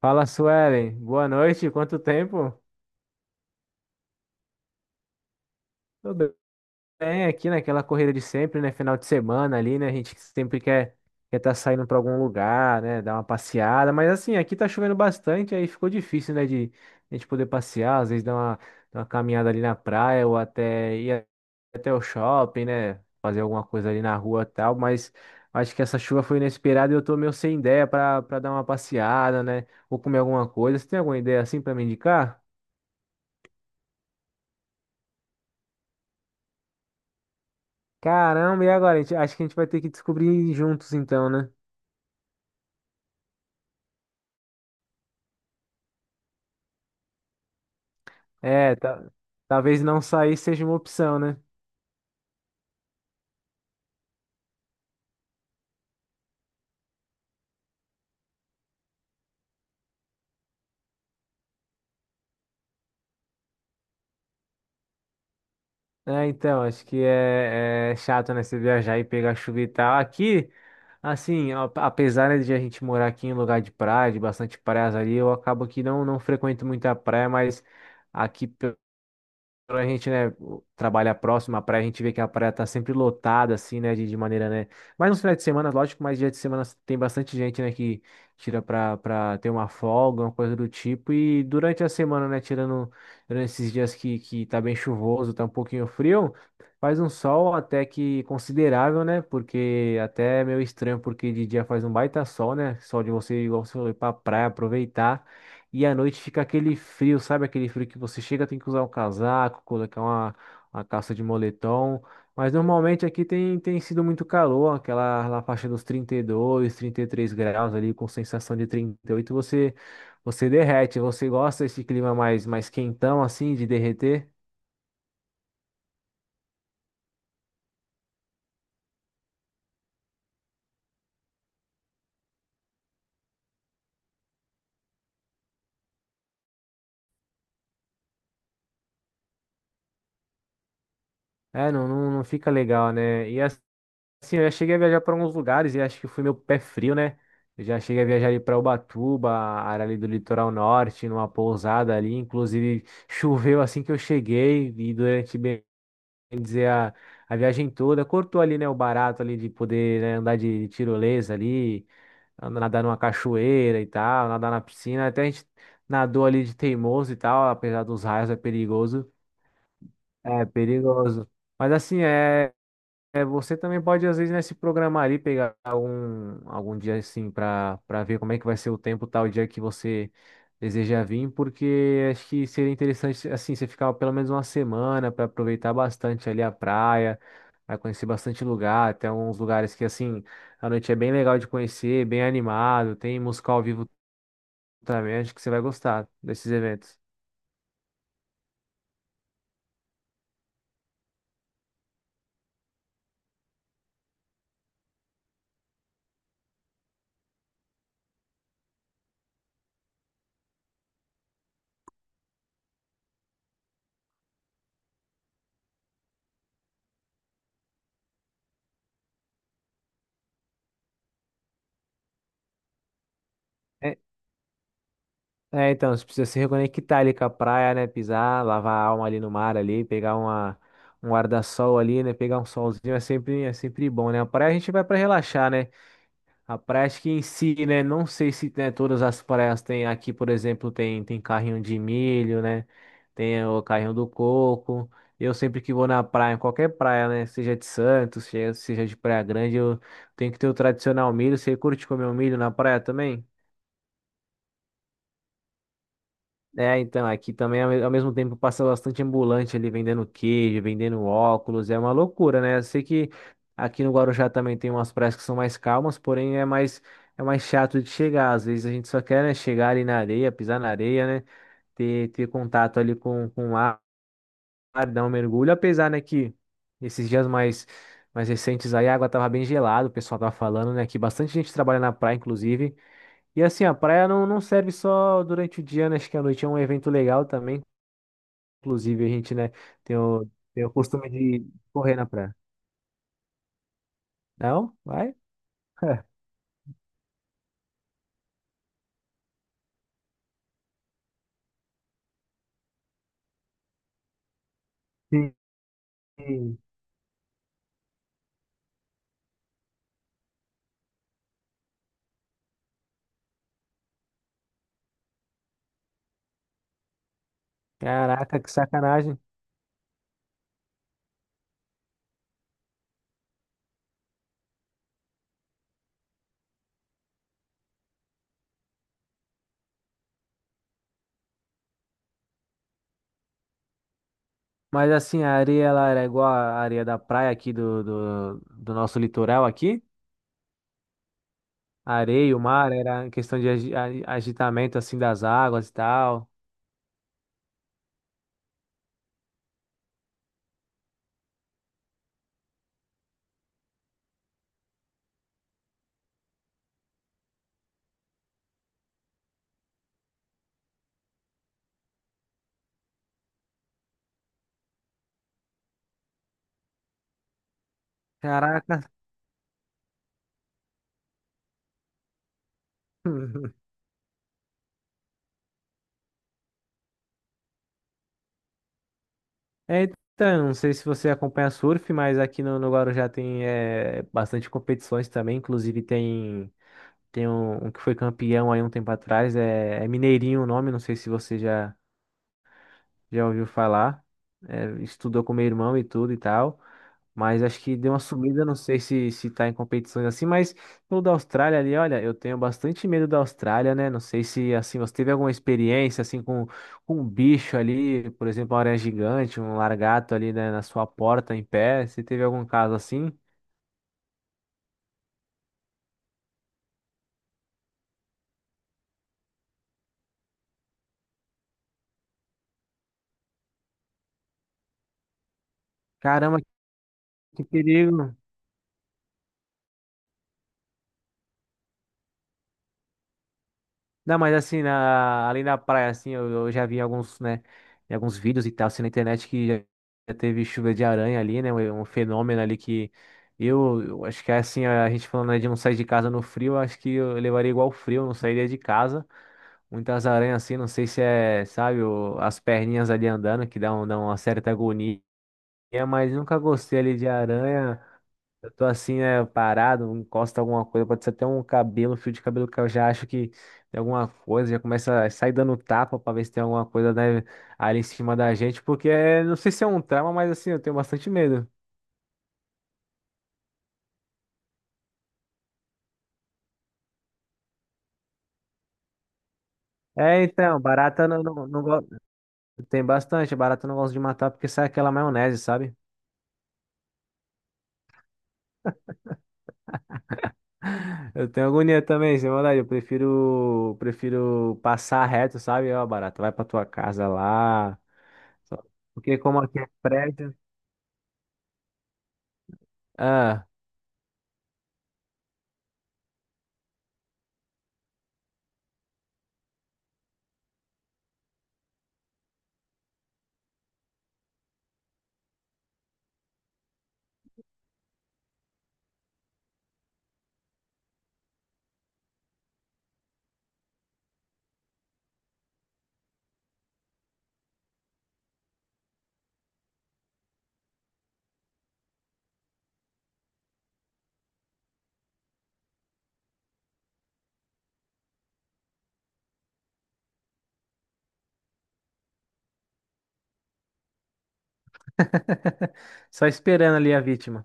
Fala, Suelen. Boa noite. Quanto tempo? Tudo bem aqui naquela corrida de sempre, né? Final de semana ali, né? A gente sempre quer tá saindo para algum lugar, né? Dar uma passeada. Mas assim, aqui tá chovendo bastante, aí ficou difícil, né? De a gente poder passear, às vezes dar uma caminhada ali na praia ou até ir até o shopping, né? Fazer alguma coisa ali na rua e tal. Mas acho que essa chuva foi inesperada e eu tô meio sem ideia para dar uma passeada, né? Ou comer alguma coisa. Você tem alguma ideia assim para me indicar? Caramba, e agora? Acho que a gente vai ter que descobrir juntos então, né? É, ta- Talvez não sair seja uma opção, né? É, então, acho que é chato, né? Você viajar e pegar chuva e tal. Aqui, assim, apesar, né, de a gente morar aqui em lugar de praia, de bastante praias ali, eu acabo que não frequento muita praia, mas aqui. Quando a gente, né, trabalha próximo à praia, a gente vê que a praia tá sempre lotada, assim, né, de maneira, né, mas nos finais de semana, lógico, mas dia de semana tem bastante gente, né, que tira pra ter uma folga, uma coisa do tipo, e durante a semana, né, tirando, durante esses dias que tá bem chuvoso, tá um pouquinho frio, faz um sol até que considerável, né, porque até é meio estranho, porque de dia faz um baita sol, né, sol de você, igual você falou, pra praia, aproveitar, e à noite fica aquele frio, sabe? Aquele frio que você chega, tem que usar um casaco, uma calça de moletom. Mas normalmente aqui tem, tem sido muito calor, aquela na faixa dos 32, 33 graus ali, com sensação de 38, você derrete. Você gosta desse clima mais quentão, assim, de derreter? É, não fica legal, né? E assim, eu já cheguei a viajar para alguns lugares e acho que foi meu pé frio, né? Eu já cheguei a viajar ali para Ubatuba, a área ali do litoral norte, numa pousada ali. Inclusive, choveu assim que eu cheguei e durante, bem dizer, a viagem toda, cortou ali, né, o barato ali de poder, né, andar de tirolesa ali, nadar numa cachoeira e tal, nadar na piscina. Até a gente nadou ali de teimoso e tal, apesar dos raios, é perigoso. É perigoso. Mas assim, é. É, você também pode, às vezes, né, se programar ali, pegar algum, algum dia assim para ver como é que vai ser o tempo tal dia que você deseja vir, porque acho que seria interessante assim, você ficar pelo menos uma semana para aproveitar bastante ali a praia, para conhecer bastante lugar, até uns lugares que assim, a noite é bem legal de conhecer, bem animado, tem música ao vivo também, acho que você vai gostar desses eventos. É, então, você precisa se reconectar ali com a praia, né? Pisar, lavar a alma ali no mar ali, um guarda-sol ali, né? Pegar um solzinho é sempre bom, né? A praia a gente vai para relaxar, né? A praia acho que em si, né? Não sei se né, todas as praias têm aqui, por exemplo, tem carrinho de milho, né? Tem o carrinho do coco. Eu sempre que vou na praia, em qualquer praia, né? Seja de Santos, seja de Praia Grande, eu tenho que ter o tradicional milho. Você curte comer o milho na praia também? É, então, aqui também, ao mesmo tempo, passa bastante ambulante ali vendendo queijo, vendendo óculos, é uma loucura, né? Eu sei que aqui no Guarujá também tem umas praias que são mais calmas, porém é mais chato de chegar. Às vezes a gente só quer, né, chegar ali na areia, pisar na areia, né? Ter contato ali com o ar, dar um mergulho, apesar, né, que esses dias mais, mais recentes aí a água tava bem gelada, o pessoal tava falando, né, que bastante gente trabalha na praia, inclusive. E assim, a praia não serve só durante o dia, né? Acho que a noite é um evento legal também. Inclusive, a gente, né, tem tem o costume de correr na praia. Não? Vai? Sim. Sim. Caraca, que sacanagem. Mas assim, a areia ela era igual a areia da praia aqui do nosso litoral aqui. A areia, o mar, era em questão de agitamento assim das águas e tal. Caraca. É, então, não sei se você acompanha surf, mas aqui no Guarujá tem é, bastante competições também. Inclusive tem. Tem um que foi campeão aí um tempo atrás, é Mineirinho o nome, não sei se você já, já ouviu falar. É, estudou com meu irmão e tudo e tal. Mas acho que deu uma subida, não sei se, se tá em competições assim, mas no da Austrália ali, olha, eu tenho bastante medo da Austrália, né? Não sei se assim, você teve alguma experiência assim com um bicho ali, por exemplo, uma aranha gigante, um largato ali, né, na sua porta em pé. Você teve algum caso assim? Caramba, que perigo! Não, mas assim, ali na praia, assim, eu já vi alguns, né, em alguns vídeos e tal, assim, na internet que já teve chuva de aranha ali, né, um fenômeno ali que eu acho que é assim, a gente falando, né, de não sair de casa no frio, eu acho que eu levaria igual frio, não sairia de casa. Muitas aranhas assim, não sei se é, sabe, as perninhas ali andando, que dá uma certa agonia, mas nunca gostei ali de aranha. Eu tô assim, né, parado, encosta alguma coisa, pode ser até um cabelo, um fio de cabelo que eu já acho que tem alguma coisa, já começa a sair dando tapa pra ver se tem alguma coisa, né, ali em cima da gente, porque é, não sei se é um trauma, mas assim, eu tenho bastante medo. É, então, barata não gosto. Tem bastante, barata eu não gosto de matar porque sai aquela maionese, sabe? Eu tenho agonia também, sem maldade. Eu prefiro passar reto, sabe? Ó, barata, vai pra tua casa lá. Só- Porque como aqui é prédio. Ah, Só esperando ali a vítima.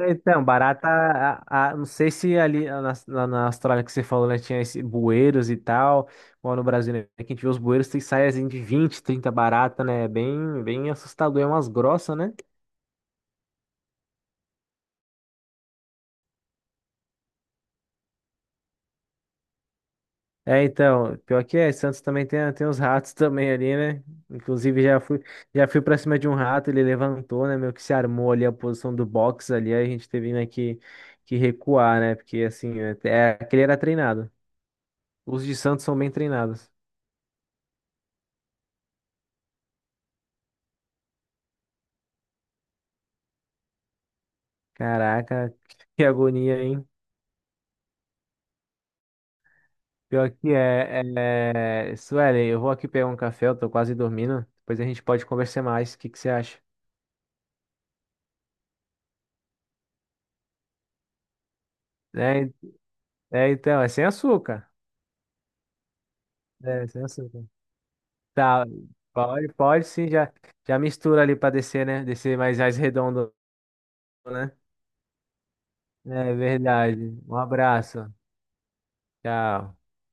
Então, barata, não sei se ali na Austrália que você falou, né, tinha esse bueiros e tal, ou no Brasil, né, que a gente vê os bueiros, tem saias assim, de 20, 30 barata, né, bem, bem assustador, é umas grossas, né? É, então, pior que é, Santos também tem, tem os ratos também ali, né? Inclusive já fui pra cima de um rato, ele levantou, né, meio que se armou ali a posição do box ali, aí a gente teve, né, que recuar, né, porque assim, é, aquele era treinado. Os de Santos são bem treinados. Caraca, que agonia, hein? Pior que é, Suelen, eu vou aqui pegar um café, eu tô quase dormindo. Depois a gente pode conversar mais. O que que você acha? É, então, é sem açúcar. É, sem açúcar. Tá, pode sim, já mistura ali pra descer, né? Descer mais redondo, né? É verdade. Um abraço. Tchau.